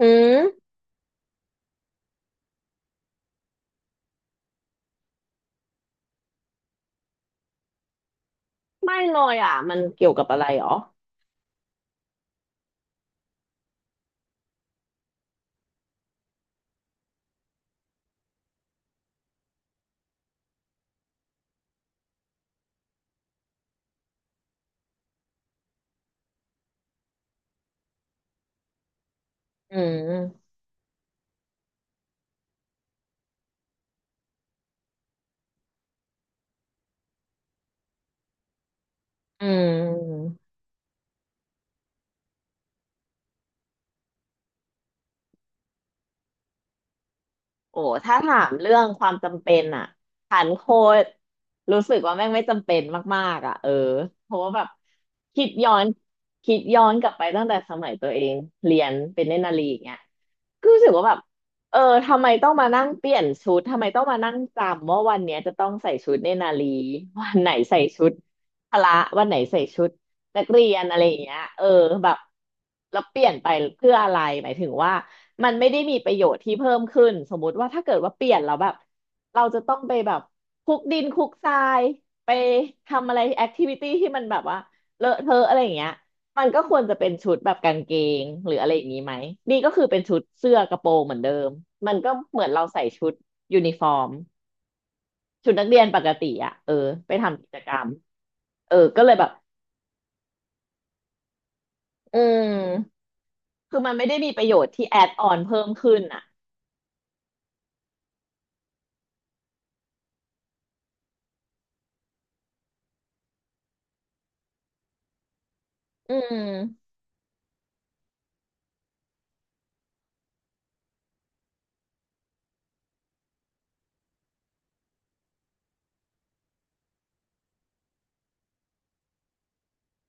อืมไม่เลยอ่ะมันเกี่ยวกับอะไรหรออืมอืม โอ้ถ้าถามเรื่องความจำเป็นอะผันโคตรรู้สึกว่าแม่งไม่จำเป็นมากๆอะเออเพราะว่าแบบคิดย้อนคิดย้อนกลับไปตั้งแต่สมัยตัวเองเรียนเป็นเนตรนารีอย่างเงี้ยก็รู้สึกว่าแบบเออทำไมต้องมานั่งเปลี่ยนชุดทำไมต้องมานั่งจำว่าวันเนี้ยจะต้องใส่ชุดเนตรนารีวันไหนใส่ชุดพละวันไหนใส่ชุดนักเรียนอะไรอย่างเงี้ยเออแบบแล้วเปลี่ยนไปเพื่ออะไรหมายถึงว่า มันไม่ได้มีประโยชน์ที่เพิ่มขึ้นสมมุติว่าถ้าเกิดว่าเปลี่ยนแล้วแบบเราจะต้องไปแบบคลุกดินคลุกทรายไปทำอะไรแอคทิวิตี้ที่มันแบบว่าเลอะเทอะอะไรอย่างเงี้ยมันก็ควรจะเป็นชุดแบบกางเกงหรืออะไรอย่างนี้ไหมนี่ก็คือเป็นชุดเสื้อกระโปรงเหมือนเดิมมันก็เหมือนเราใส่ชุดยูนิฟอร์มชุดนักเรียนปกติอ่ะเออไปทำกิจกรรมเออก็เลยแบบอืมคือมันไม่ได้มีประโยชน์ที่แอดออนเพิ่มขึ้นอ่ะอืม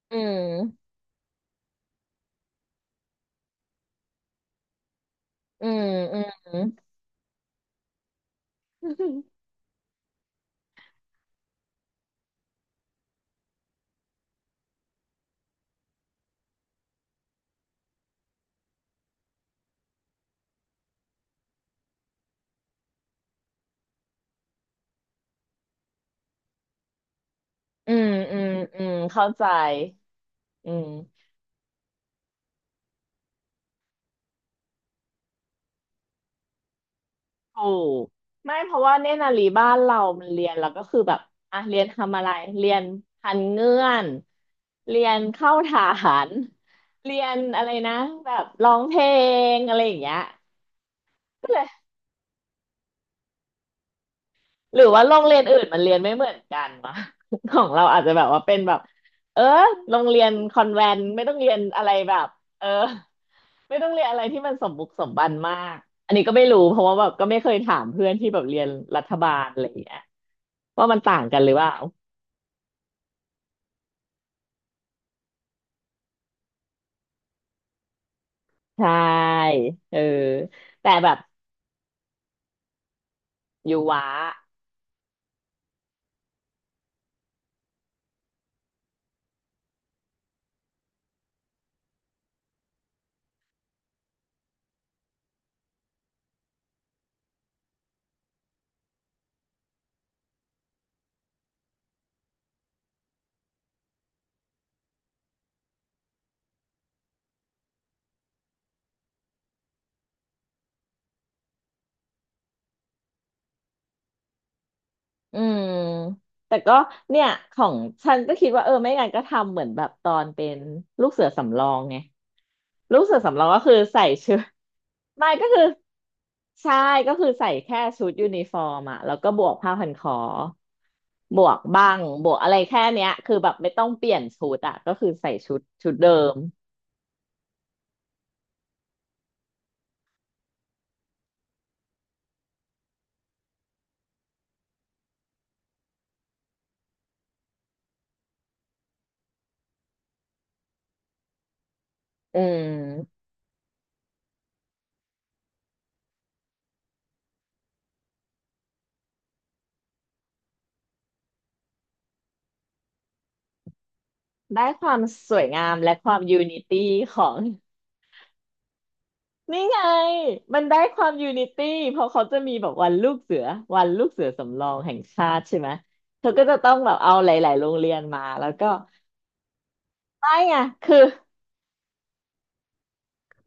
อืม อืมอืมอืมอืมอืมเข้าใจอืมถูกไม่เพราะว่าเนตรนารีบ้านเรามันเรียนแล้วก็คือแบบอ่ะเรียนทำอะไรเรียนพันเงื่อนเรียนเข้าฐานเรียนอะไรนะแบบร้องเพลงอะไรอย่างเงี้ย หรือว่าโรงเรียนอื่นมันเรียนไม่เหมือนกันวะ ของเราอาจจะแบบว่าเป็นแบบเออโรงเรียนคอนแวนต์ไม่ต้องเรียนอะไรแบบเออไม่ต้องเรียนอะไรที่มันสมบุกสมบันมากอันนี้ก็ไม่รู้เพราะว่าแบบก็ไม่เคยถามเพื่อนที่แบบเรียนรัฐบาลอะไรอย่างเงี้ยว่ามันต่างกันหรือเปล่าใช่เออแต่แบบอยู่วะ อืมแต่ก็เนี่ยของฉันก็คิดว่าเออไม่งั้นก็ทำเหมือนแบบตอนเป็นลูกเสือสำรองไงลูกเสือสำรองก็คือใส่ชุด ไม่ก็คือใช่ก็คือใส่แค่ชุดยูนิฟอร์มอะแล้วก็บวกผ้าพันคอบวกบังบวกอะไรแค่เนี้ยคือแบบไม่ต้องเปลี่ยนชุดอะก็คือใส่ชุดเดิมอืมได้ความสวยงามและความยูนิตี้ของ นี่ไงมันได้ความยูนิตี้เพราะเขาจะมีแบบวันลูกเสือวันลูกเสือสำรองแห่งชาติใช่ไหมเธอก็จะต้องแบบเอาหลายๆโรงเรียนมาแล้วก็ไม่ไงคือ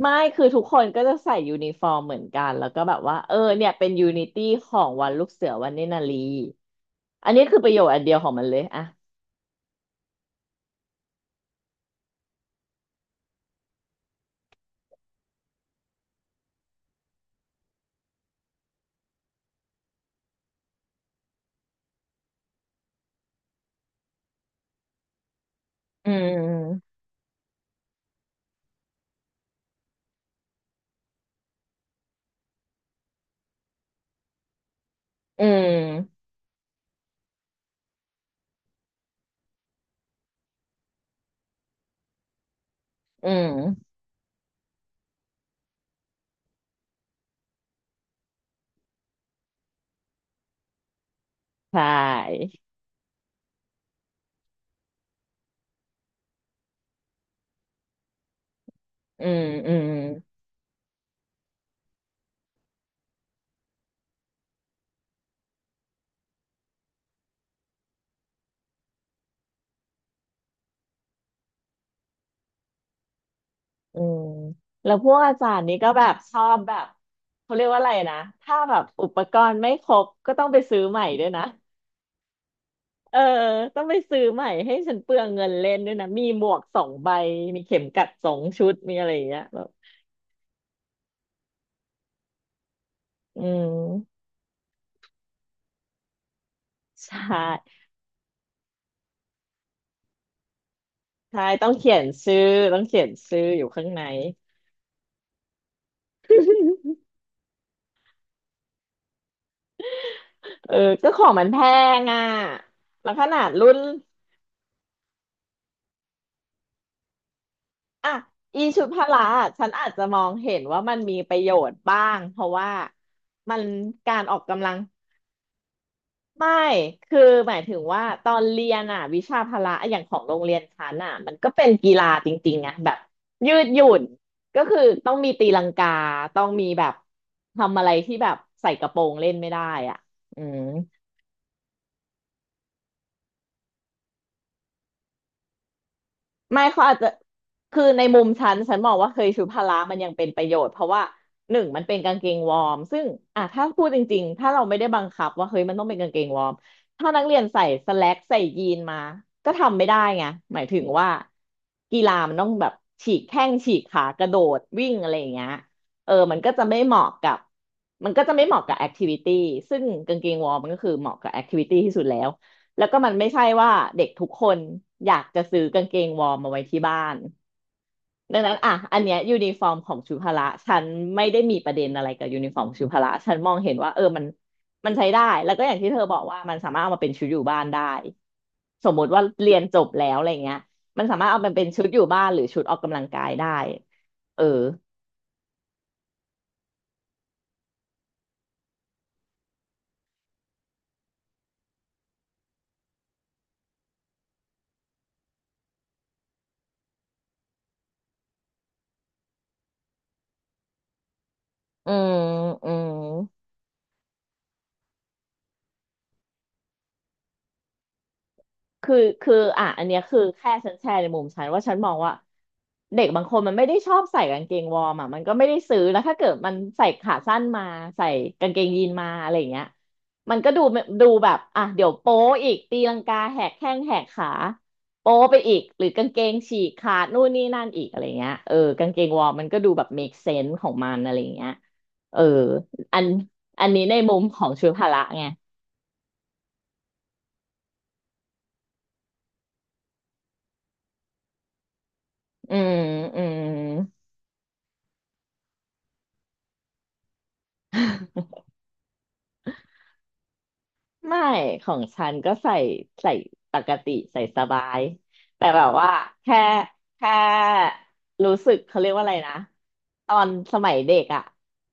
คือทุกคนก็จะใส่ยูนิฟอร์มเหมือนกันแล้วก็แบบว่าเออเนี่ยเป็นยูนิตี้ของวันลูกเสือวันเนนารีอันนี้คือประโยชน์อันเดียวของมันเลยอะอืมอืมอืมใช่อืมอืม อืมแล้วพวกอาจารย์นี้ก็แบบชอบแบบเขาเรียกว่าอะไรนะถ้าแบบอุปกรณ์ไม่ครบก็ต้องไปซื้อใหม่ด้วยนะเออต้องไปซื้อใหม่ให้ฉันเปลืองเงินเล่นด้วยนะมีหมวกสองใบมีเข็มกัดสองชุดมีอะไรอย่างเงี้ยแบบอืมใช่ใช่ต้องเขียนชื่ออยู่ข้างใน เออก็ของมันแพงอ่ะแล้วขนาดรุ่น อ่ะอีชุดพละอ่ะฉันอาจจะมองเห็นว่ามันมีประโยชน์บ้างเพราะว่ามันการออกกำลังไม่คือหมายถึงว่าตอนเรียนอ่ะวิชาพละออย่างของโรงเรียนฉันอ่ะมันก็เป็นกีฬาจริงๆอ่ะแบบยืดหยุ่นก็คือต้องมีตีลังกาต้องมีแบบทำอะไรที่แบบใส่กระโปรงเล่นไม่ได้อ่ะอืม ไม่เขาอาจจะคือในมุมฉันมองว่าเคยชุดพละมันยังเป็นประโยชน์เพราะว่าหนึ่งมันเป็นกางเกงวอร์มซึ่งอ่ะถ้าพูดจริงๆ ถ้าเราไม่ได้บังคับว่าเฮ้ยมันต้องเป็นกางเกงวอร์มถ้านักเรียนใส่สแล็กใส่ยีนมาก็ทำไม่ได้ไงหมายถึงว่ากีฬามันต้องแบบฉีกแข้งฉีกขากระโดดวิ่งอะไรอย่างเงี้ยเออมันก็จะไม่เหมาะกับมันก็จะไม่เหมาะกับแอคทิวิตี้ซึ่งกางเกงวอร์มมันก็คือเหมาะกับแอคทิวิตี้ที่สุดแล้ว แล้วก็มันไม่ใช่ว่าเด็กทุกคนอยากจะซื้อกางเกงวอร์มมาไว้ที่บ้านดังนั้นอ่ะอันเนี้ยยูนิฟอร์มของชุพละฉันไม่ได้มีประเด็นอะไรกับยูนิฟอร์มชุพละฉันมองเห็นว่าเออมันใช้ได้ แล้วก็อย่างที่เธอบอกว่ามันสามารถเอามาเป็นชุดอยู่บ้านได้สมมติว่าเรียนจบแล้วอะไรเงี้ยมันสามารถเอามันเป็นชุดอยู่บ้านหรือชุดออกกำลังกายได้เอออืมอืม คือคืออ่ะอันเนี้ยคือแค่ฉันแชร์ในมุมฉันว่าฉันมองว่าเด็กบางคนมันไม่ได้ชอบใส่กางเกงวอร์มอ่ะมันก็ไม่ได้ซื้อแล้วถ้าเกิดมันใส่ขาสั้นมาใส่กางเกงยีนมาอะไรอย่างเงี้ยมันก็ดูแบบอ่ะเดี๋ยวโป๊อีกตีลังกาแหกแข้งแหกขาโป๊ไปอีกหรือกางเกงฉีกขาดนู่นนี่นั่นอีกอะไรเงี้ยเออกางเกงวอร์มมันก็ดูแบบ make sense ของมันอะไร่เงี้ยเอออันอันนี้ในมุมของชุดพละไงอืมอืม ไม่ของฉันก็ใส่ปกติใส่สบายแต่แบบว่าแค่แค่รู้สึกเขาเรียกว่าอะไรนะตอนสมัยเด็กอะ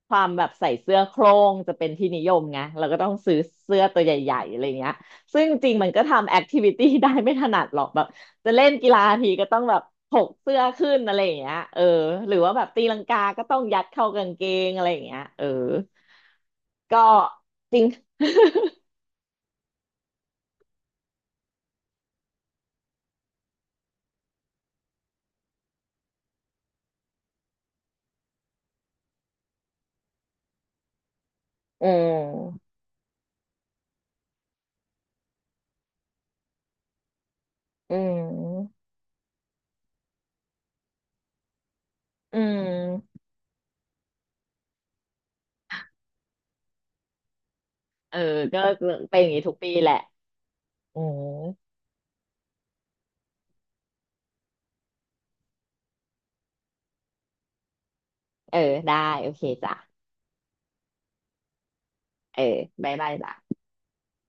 ความแบบใส่เสื้อโคร่งจะเป็นที่นิยมไงเราก็ต้องซื้อเสื้อตัวใหญ่ๆอะไรเงี้ยซึ่งจริงมันก็ทำแอคทิวิตี้ ได้ไม่ถนัดหรอกแบบจะเล่นกีฬาทีก็ต้องแบบถกเสื้อขึ้นอะไรอย่างเงี้ยเออหรือว่าแบบตีลังกาก็ต้องยัดเข้ากางเกงอะไรอย่างเงี้ยเออก็จริง อืมอืมอืมเออก็เป็นอย่างนี้ทุกปีแหละอืมเออได้โอเคจ้ะเออบ๊ายบายจ้ะ